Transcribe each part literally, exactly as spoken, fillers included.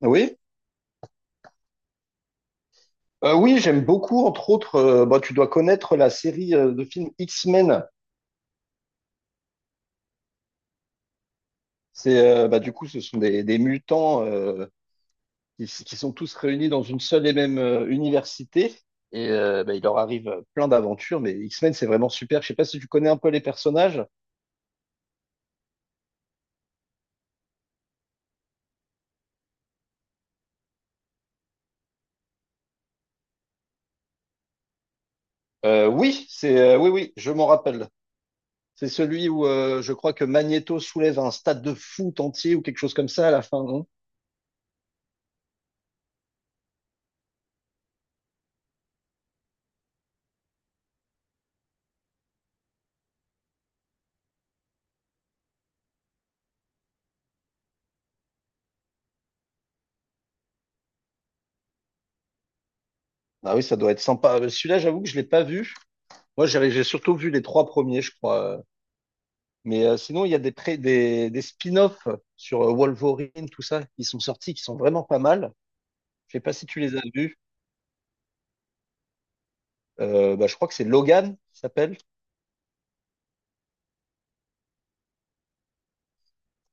Oui. Euh, oui, j'aime beaucoup, entre autres, euh, bah, tu dois connaître la série euh, de films X-Men. C'est euh, bah, du coup, ce sont des, des mutants euh, qui, s- qui sont tous réunis dans une seule et même euh, université. Et euh, bah, il leur arrive euh, plein d'aventures, mais X-Men, c'est vraiment super. Je sais pas si tu connais un peu les personnages. Euh, oui, c'est euh, oui, oui, je m'en rappelle. C'est celui où euh, je crois que Magneto soulève un stade de foot entier ou quelque chose comme ça à la fin, non? Ah oui, ça doit être sympa. Euh, Celui-là, j'avoue que je l'ai pas vu. Moi, j'ai j'ai surtout vu les trois premiers, je crois. Mais euh, sinon, il y a des, pré- des, des spin-offs sur euh, Wolverine, tout ça, qui sont sortis, qui sont vraiment pas mal. Je sais pas si tu les as vus. Euh, bah, je crois que c'est Logan qui s'appelle.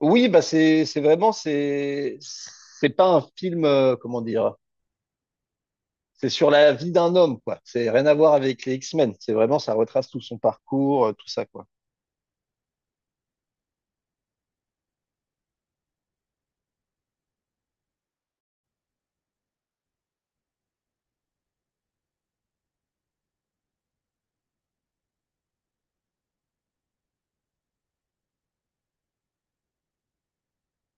Oui, bah c'est c'est vraiment c'est c'est pas un film euh, comment dire. C'est sur la vie d'un homme quoi. C'est rien à voir avec les X-Men. C'est vraiment ça retrace tout son parcours, euh, tout ça quoi.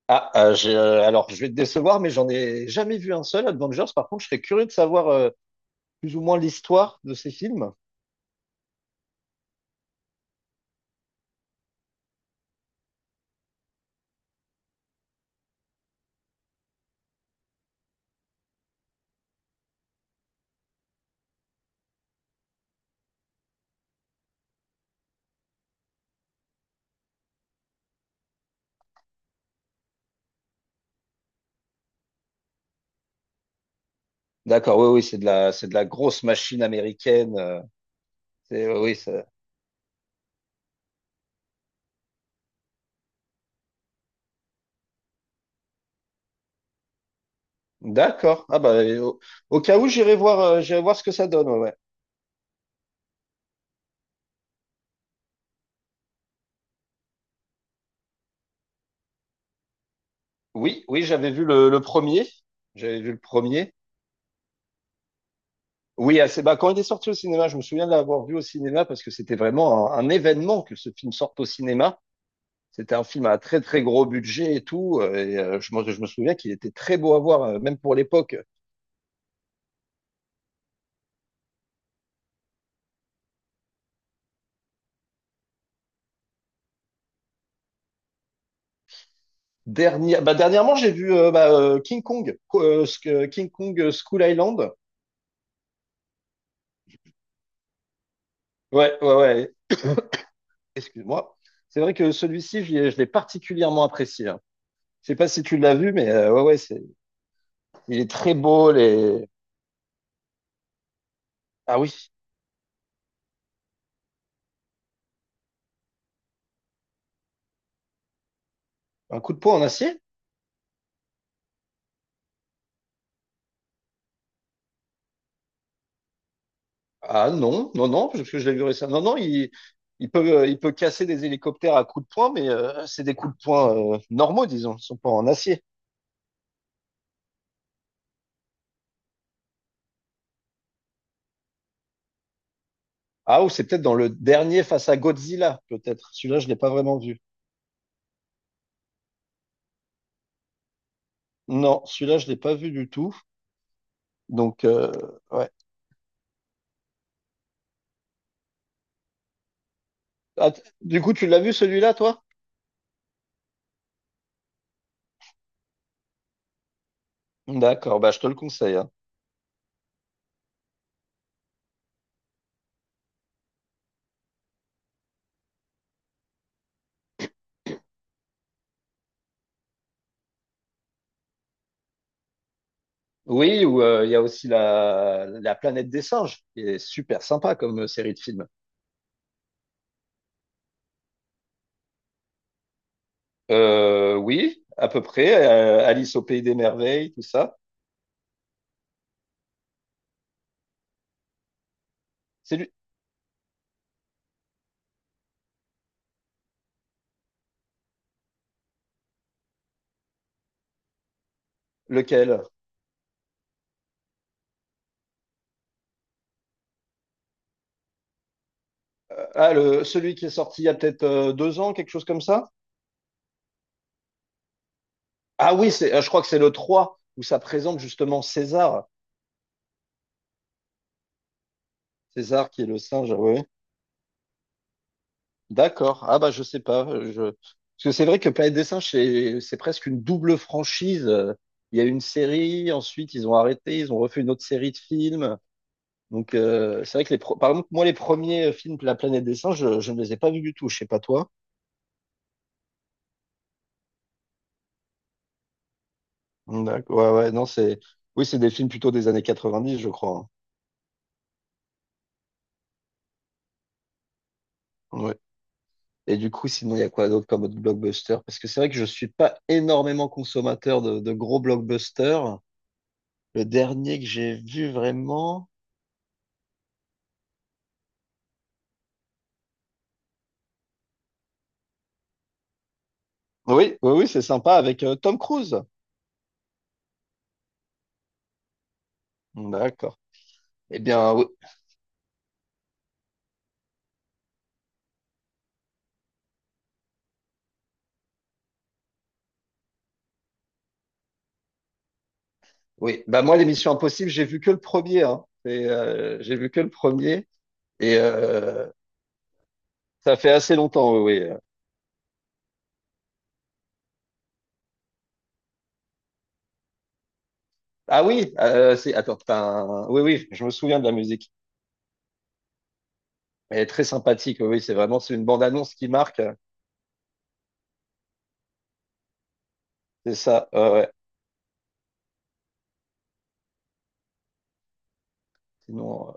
Ah, euh, j'ai, euh, alors je vais te décevoir, mais j'en ai jamais vu un seul. Avengers, par contre, je serais curieux de savoir euh, plus ou moins l'histoire de ces films. D'accord, oui, oui, c'est de la, c'est de la grosse machine américaine. euh, c'est- euh, oui, ça. D'accord. Ah bah, euh, au, au cas où, j'irai voir, euh, j'irai voir ce que ça donne. Ouais, ouais. Oui, oui, j'avais vu le, le premier. J'avais vu le premier. Oui, assez, bah, quand il est sorti au cinéma, je me souviens de l'avoir vu au cinéma parce que c'était vraiment un, un événement que ce film sorte au cinéma. C'était un film à très très gros budget et tout. euh, Et euh, je, me- je me souviens qu'il était très beau à voir, euh, même pour l'époque. Dernier, bah, dernièrement, j'ai vu euh, bah, euh, King Kong, euh, Sk- King Kong euh, School Island. Ouais, ouais, ouais. Excuse-moi. C'est vrai que celui-ci, je l'ai je l'ai particulièrement apprécié, hein. Je sais pas si tu l'as vu, mais euh, ouais, ouais, c'est, il est très beau. Les... Ah oui, un coup de poing en acier? Ah non, non, non, parce que je l'ai vu récemment. Non, non, il, il peut, euh, il peut casser des hélicoptères à coups de poing, mais euh, c'est des coups de poing euh, normaux, disons. Ils sont pas en acier. Ah, ou c'est peut-être dans le dernier face à Godzilla, peut-être. Celui-là, je l'ai pas vraiment vu. Non, celui-là, je l'ai pas vu du tout. Donc, euh, ouais. Ah, t- du coup, tu l'as vu celui-là, toi? D'accord, bah, je te le conseille, hein. Oui, ou euh, il y a aussi la, la planète des singes, qui est super sympa comme euh, série de films. Euh, oui, à peu près. euh, Alice au pays des merveilles, tout ça. C'est lui- lequel? Euh, ah, le, celui qui est sorti il y a peut-être euh, deux ans, quelque chose comme ça? Ah oui, c'est, euh, je crois que c'est le trois où ça présente justement César. César qui est le singe. Ouais. D'accord. Ah bah je sais pas. Je... Parce que c'est vrai que Planète des Singes, c'est c'est presque une double franchise. Euh, Il y a une série, ensuite ils ont arrêté, ils ont refait une autre série de films. Donc euh, c'est vrai que les pro- par exemple moi les premiers films de La Planète des Singes, je, je ne les ai pas vus du tout. Je sais pas toi. D'accord. Ouais ouais non c'est oui c'est des films plutôt des années quatre-vingt-dix je crois. Hein. Ouais. Et du coup sinon il y a quoi d'autre comme autre blockbuster? Parce que c'est vrai que je suis pas énormément consommateur de, de gros blockbusters. Le dernier que j'ai vu vraiment. Oui, oui, oui, c'est sympa avec euh, Tom Cruise. D'accord. Eh bien, oui, oui. Bah moi, l'émission Impossible, j'ai vu que le premier, hein. C'est, euh, j'ai vu que le premier et euh, ça fait assez longtemps. Oui, oui. Ah oui, euh, c'est attends, t'as un- oui, oui, je me souviens de la musique. Elle est très sympathique. Oui, oui, c'est vraiment, c'est une bande-annonce qui marque. C'est ça. Ouais, ouais. Sinon, euh,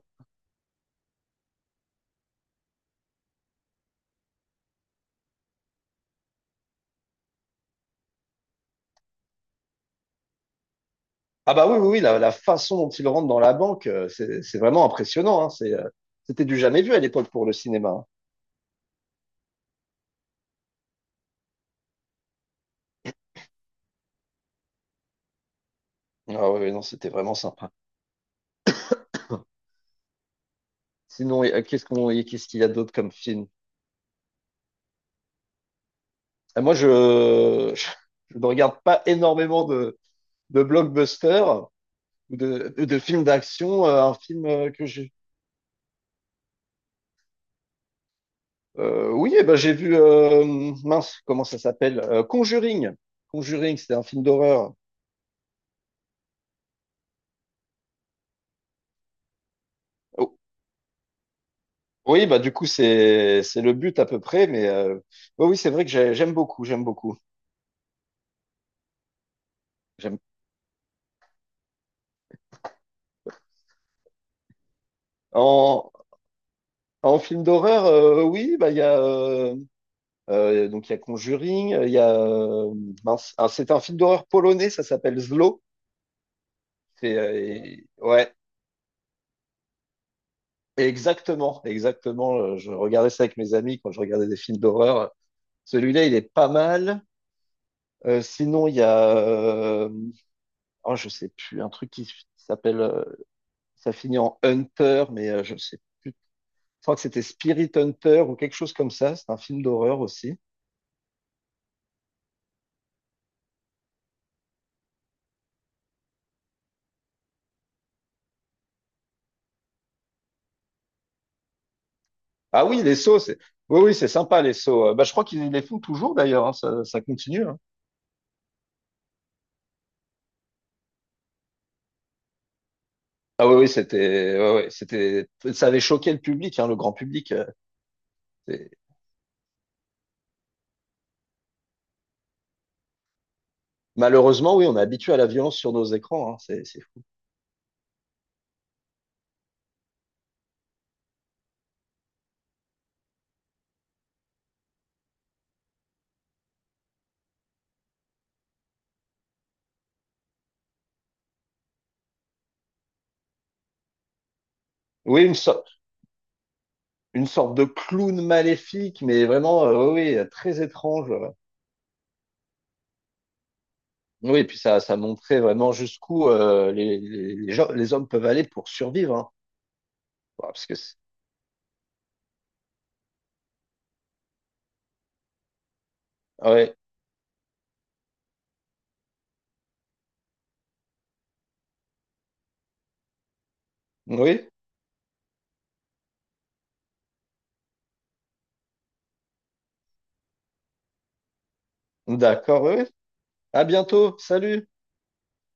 ah bah oui, oui, oui, la, la façon dont il rentre dans la banque, euh, c'est, c'est vraiment impressionnant, hein. C'est, euh, c'était du jamais vu à l'époque pour le cinéma, hein. Ah oui, oui, non, c'était vraiment sympa. Sinon, euh, qu'est-ce qu'on, et qu'est-ce qu'il y a d'autre comme film? Ah, moi, je, je, je ne regarde pas énormément de, de blockbusters ou de, de films d'action. Euh, un film euh, que j'ai. Euh, oui, eh ben, j'ai vu, euh, mince, comment ça s'appelle? Euh, Conjuring. Conjuring, c'était un film d'horreur. Oh, oui, bah, du coup, c'est, c'est le but à peu près, mais euh, oui, oui, c'est vrai que j'ai- j'aime beaucoup, j'aime beaucoup. J'aime. En, en film d'horreur, euh, oui, bah, il y a. euh, Euh, donc il y a Conjuring, euh, il y a euh, mince, ah, c'est un film d'horreur polonais, ça s'appelle Zlo. C'est, euh, et- ouais, exactement, exactement. euh, Je regardais ça avec mes amis quand je regardais des films d'horreur. Celui-là, il est pas mal. Euh, sinon, il y a, euh, oh, je sais plus, un truc qui s'appelle, euh, ça finit en Hunter, mais euh, je sais plus. Je crois que c'était Spirit Hunter ou quelque chose comme ça. C'est un film d'horreur aussi. Ah oui, les sauts, c'est, oui, oui, c'est sympa les sauts. Euh, Bah, je crois qu'ils les font toujours d'ailleurs, hein, ça, ça continue, hein. Ah oui, oui, c'était, ouais, ouais, c'était, ça avait choqué le public, hein, le grand public. euh, c'est- Malheureusement, oui, on est habitué à la violence sur nos écrans, hein, c'est, c'est fou. Oui, une, so- une sorte de clown maléfique, mais vraiment, euh, oui, oui, très étrange. Ouais. Oui, et puis ça, ça montrait vraiment jusqu'où euh, les, les, les gens- les hommes peuvent aller pour survivre, hein. Ouais, Parce que, c'est- ouais. Oui, d'accord, oui. Oui. À bientôt, salut.